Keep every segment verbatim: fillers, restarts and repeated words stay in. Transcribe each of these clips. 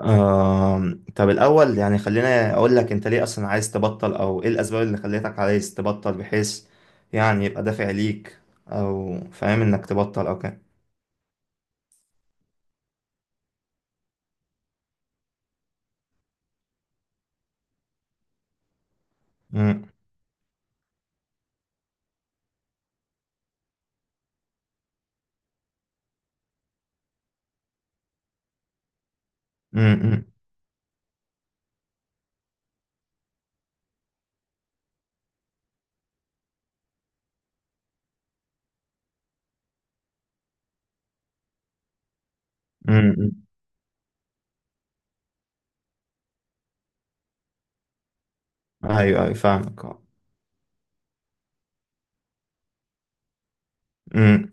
آم، طب الأول يعني خلينا أقول لك أنت ليه أصلا عايز تبطل أو إيه الأسباب اللي خلتك عايز تبطل بحيث يعني يبقى دافع ليك أو فاهم إنك تبطل أو كده. أمم، أمم، أمم، أمم. أيوه أيوه، فاهمك. أه.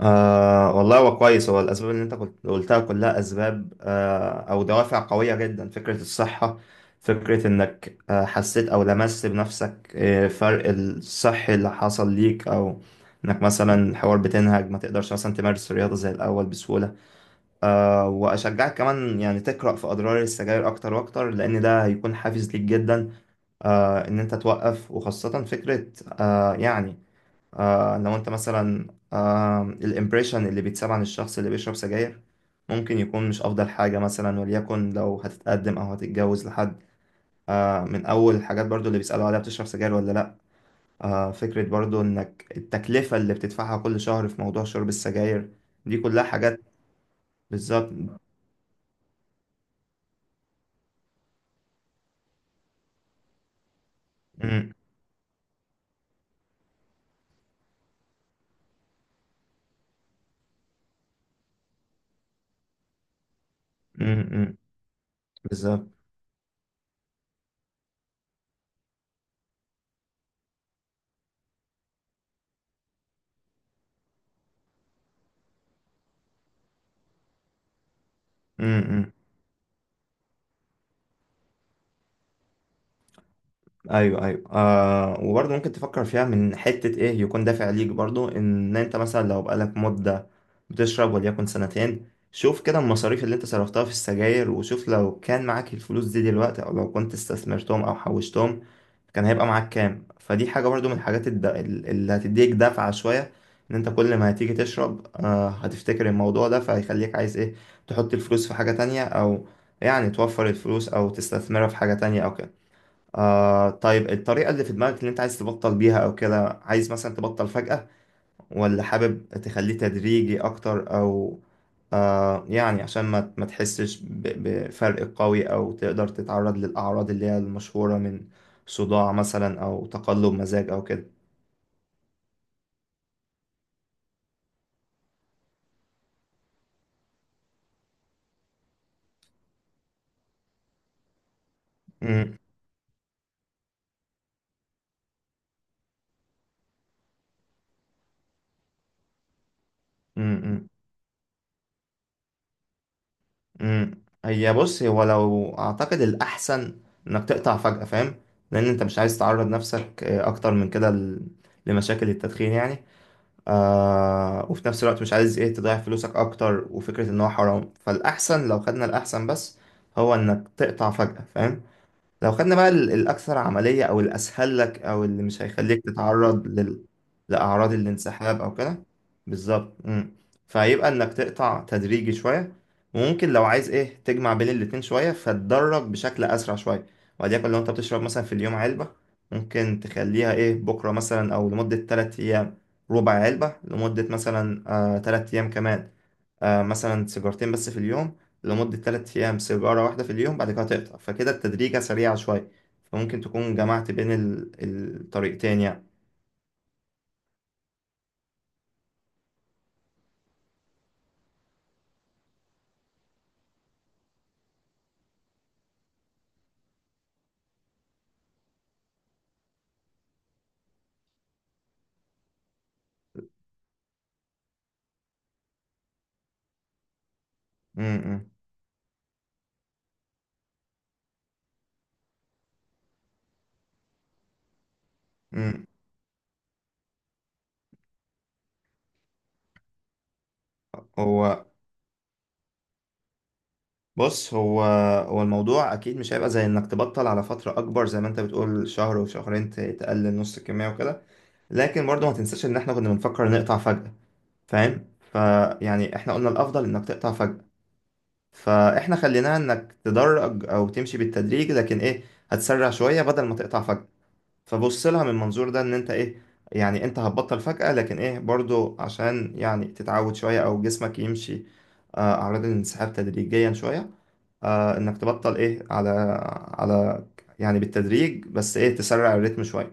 آه والله، هو كويس. هو الأسباب اللي أنت كنت قلتها كلها أسباب آه أو دوافع قوية جدا. فكرة الصحة، فكرة إنك آه حسيت أو لمست بنفسك آه فرق الصحي اللي حصل ليك، أو إنك مثلا الحوار بتنهج، ما تقدرش مثلا تمارس الرياضة زي الأول بسهولة. آه، وأشجعك كمان يعني تقرأ في أضرار السجاير أكتر وأكتر، لأن ده هيكون حافز ليك جدا، آه، إن أنت توقف. وخاصة فكرة آه يعني آه لو انت مثلا آه الامبريشن اللي بيتساب عن الشخص اللي بيشرب سجاير، ممكن يكون مش افضل حاجة. مثلا وليكن لو هتتقدم او هتتجوز لحد، آه، من اول الحاجات برضو اللي بيسألوا عليها، بتشرب سجاير ولا لا. آه، فكرة برضو انك التكلفة اللي بتدفعها كل شهر في موضوع شرب السجاير، دي كلها حاجات. بالظبط. م- م- م- بالظبط. م- م. ايوه ايوه. آه، وبرضه ممكن تفكر فيها من حتة ايه، يكون دافع ليك برضه ان انت مثلا لو بقالك مدة بتشرب، وليكن سنتين، شوف كده المصاريف اللي انت صرفتها في السجاير، وشوف لو كان معاك الفلوس دي دلوقتي، او لو كنت استثمرتهم او حوشتهم كان هيبقى معاك كام. فدي حاجة برضه من الحاجات الد- ال- اللي هتديك دفعة شوية، ان انت كل ما هتيجي تشرب آه هتفتكر الموضوع ده، فهيخليك عايز ايه تحط الفلوس في حاجة تانية، او يعني توفر الفلوس او تستثمرها في حاجة تانية او كده. آه طيب، الطريقة اللي في دماغك اللي انت عايز تبطل بيها او كده، عايز مثلا تبطل فجأة ولا حابب تخليه تدريجي اكتر؟ او آه يعني عشان ما ما تحسش ب- بفرق قوي، او تقدر تتعرض للاعراض اللي هي المشهورة من صداع مثلا او تقلب مزاج او كده. مم، مم، مم، مم. هي بص، هو لو اعتقد الاحسن انك تقطع فجأة، فاهم، لان انت مش عايز تعرض نفسك آه، اكتر من كده ل- لمشاكل التدخين يعني. آه، وفي نفس الوقت مش عايز ايه تضيع فلوسك اكتر، وفكرة ان هو حرام. فالاحسن لو خدنا الاحسن بس، هو انك تقطع فجأة، فاهم. لو خدنا بقى ال- الأكثر عملية أو الأسهل لك، أو اللي مش هيخليك تتعرض لل... لأعراض الانسحاب أو كده. بالظبط. مم. فهيبقى إنك تقطع تدريجي شوية، وممكن لو عايز إيه تجمع بين الاتنين شوية، فتدرج بشكل أسرع شوية. وليكن لو أنت بتشرب مثلا في اليوم علبة، ممكن تخليها إيه بكرة مثلا، أو لمدة تلات أيام ربع علبة، لمدة مثلا آه تلات أيام كمان آه، مثلا سيجارتين بس في اليوم، لمدة تلات أيام سيجارة واحدة في اليوم، بعد كده تقطع. فكده التدريجة سريعة شوية، فممكن تكون جمعت بين ال- الطريقتين يعني. امم امم. إمم. هو بص هو هو الموضوع أكيد مش هيبقى زي إنك تبطل على فترة أكبر زي ما أنت بتقول شهر وشهرين، ت- تقلل نص الكمية وكده. لكن برضه ما تنساش إن إحنا كنا بنفكر نقطع فجأة، فاهم. فيعني إحنا قلنا الأفضل إنك تقطع فجأة، فاحنا خليناها انك تدرج او تمشي بالتدريج، لكن ايه، هتسرع شوية بدل ما تقطع فجأة. فبص لها من منظور ده، ان انت ايه، يعني انت هتبطل فجأة، لكن ايه برضو عشان يعني تتعود شوية، او جسمك يمشي آه، اعراض الانسحاب تدريجيا شوية. آه، انك تبطل ايه على على يعني بالتدريج، بس ايه تسرع الريتم شوية.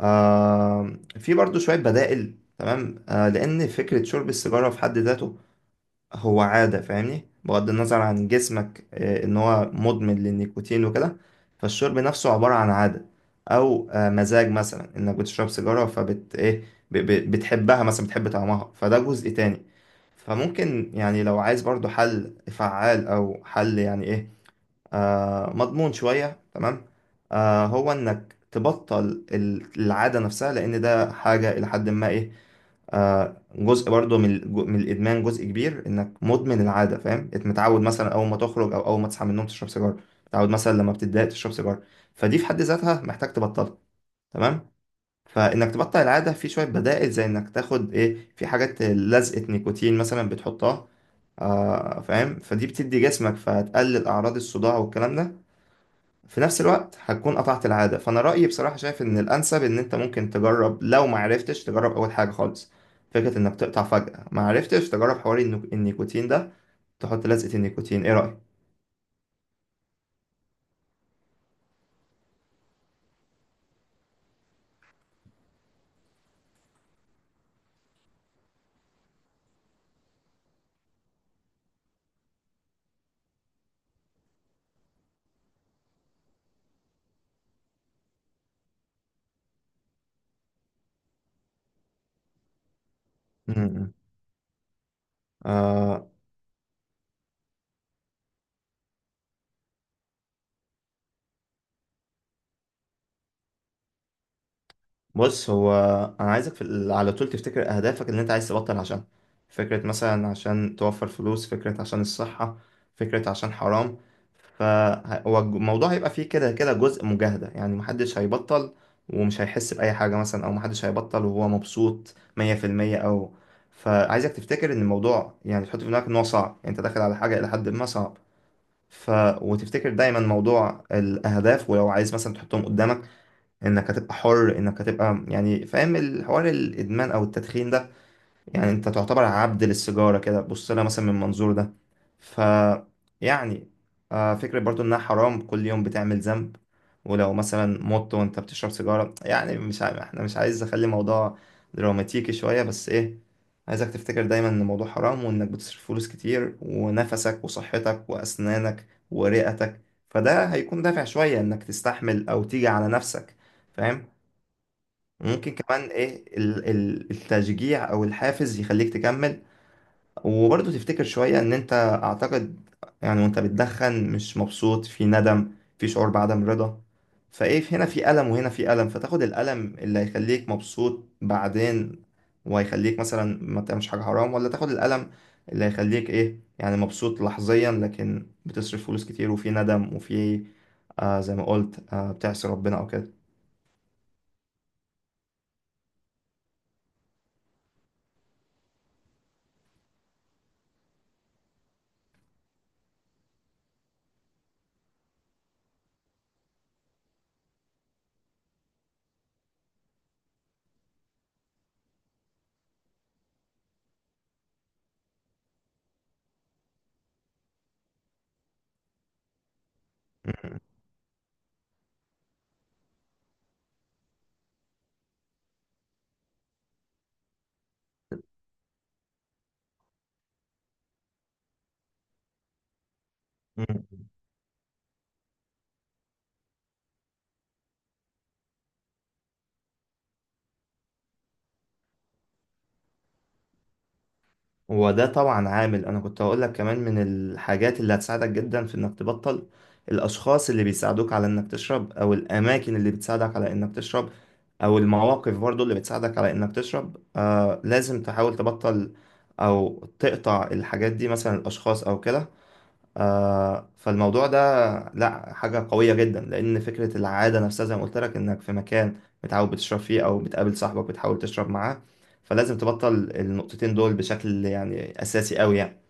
آه، في برضو شوية بدائل، تمام. آه، لان فكرة شرب السيجارة في حد ذاته هو عادة، فاهمني، بغض النظر عن جسمك آه، ان هو مدمن للنيكوتين وكده. فالشرب نفسه عبارة عن عادة، او آه، مزاج مثلا انك بتشرب سيجارة فبت ايه، ب- ب- بتحبها مثلا، بتحب طعمها، فده جزء تاني. فممكن يعني لو عايز برضو حل فعال، او حل يعني ايه آه مضمون شوية، تمام، آه هو انك تبطل ال- العادة نفسها، لان ده حاجة الى حد ما ايه آه، جزء برضو من الج- من الادمان. جزء كبير انك مدمن العاده، فاهم، انت متعود مثلا اول ما تخرج او اول ما تصحى من النوم تشرب سيجاره، متعود مثلا لما بتتضايق تشرب سيجاره. فدي في حد ذاتها محتاج تبطلها، تمام. فانك تبطل العاده في شويه بدائل، زي انك تاخد ايه في حاجات لزقه نيكوتين مثلا بتحطها آه، فاهم، فدي بتدي جسمك، فتقلل اعراض الصداع والكلام ده. في نفس الوقت هتكون قطعت العادة. فأنا رأيي بصراحة شايف إن الأنسب إن أنت ممكن تجرب، لو ما عرفتش تجرب أول حاجة خالص فكرة إنك تقطع فجأة، ما عرفتش تجرب حوار النيك- النيكوتين ده، تحط لزقة النيكوتين، إيه رأيك؟ م-م. آه بص، هو أنا عايزك في ال- على طول تفتكر أهدافك اللي أنت عايز تبطل عشان، فكرة مثلا عشان توفر فلوس، فكرة عشان الصحة، فكرة عشان حرام. فالموضوع هيبقى فيه كده كده جزء مجاهدة يعني، محدش هيبطل ومش هيحس بأي حاجة مثلا، أو محدش هيبطل وهو مبسوط مية في المية أو. فعايزك تفتكر إن الموضوع يعني، تحط في دماغك إن هو صعب، يعني أنت داخل على حاجة إلى حد ما صعب. ف... وتفتكر دايما موضوع الأهداف، ولو عايز مثلا تحطهم قدامك إنك هتبقى حر، إنك هتبقى يعني فاهم الحوار، الإدمان أو التدخين ده يعني انت تعتبر عبد للسيجارة. كده بص لها مثلا من المنظور ده. ف يعني آه، فكرة برضو انها حرام، كل يوم بتعمل ذنب، ولو مثلا مت وانت بتشرب سيجارة، يعني مش عارف، احنا مش عايز اخلي الموضوع دراماتيكي شوية، بس ايه عايزك تفتكر دايما ان الموضوع حرام، وانك بتصرف فلوس كتير، ونفسك وصحتك واسنانك ورئتك. فده هيكون دافع شوية انك تستحمل او تيجي على نفسك، فاهم. ممكن كمان ايه ال- ال- التشجيع او الحافز يخليك تكمل. وبرضه تفتكر شوية ان انت اعتقد يعني وانت بتدخن مش مبسوط، في ندم، في شعور بعدم رضا. فايه في- هنا في ألم وهنا في ألم، فتاخد الألم اللي هيخليك مبسوط بعدين، وهيخليك مثلا ما تعملش حاجة حرام، ولا تاخد الألم اللي هيخليك ايه يعني مبسوط لحظيا، لكن بتصرف فلوس كتير، وفي ندم، وفي آه زي ما قلت آه بتعصي ربنا او كده. م- هو ده طبعا عامل. انا كنت هقول لك كمان من الحاجات اللي هتساعدك جدا في انك تبطل، الاشخاص اللي بيساعدوك على انك تشرب، او الاماكن اللي بتساعدك على انك تشرب، او المواقف برضو اللي بتساعدك على انك تشرب، آه لازم تحاول تبطل او تقطع الحاجات دي، مثلا الاشخاص او كده. آه، فالموضوع ده لا، حاجة قوية جدا، لأن فكرة العادة نفسها زي ما قلت لك إنك في مكان متعود بتشرب فيه، أو بتقابل صاحبك بتحاول تشرب معاه، فلازم تبطل النقطتين دول بشكل يعني أساسي أوي يعني.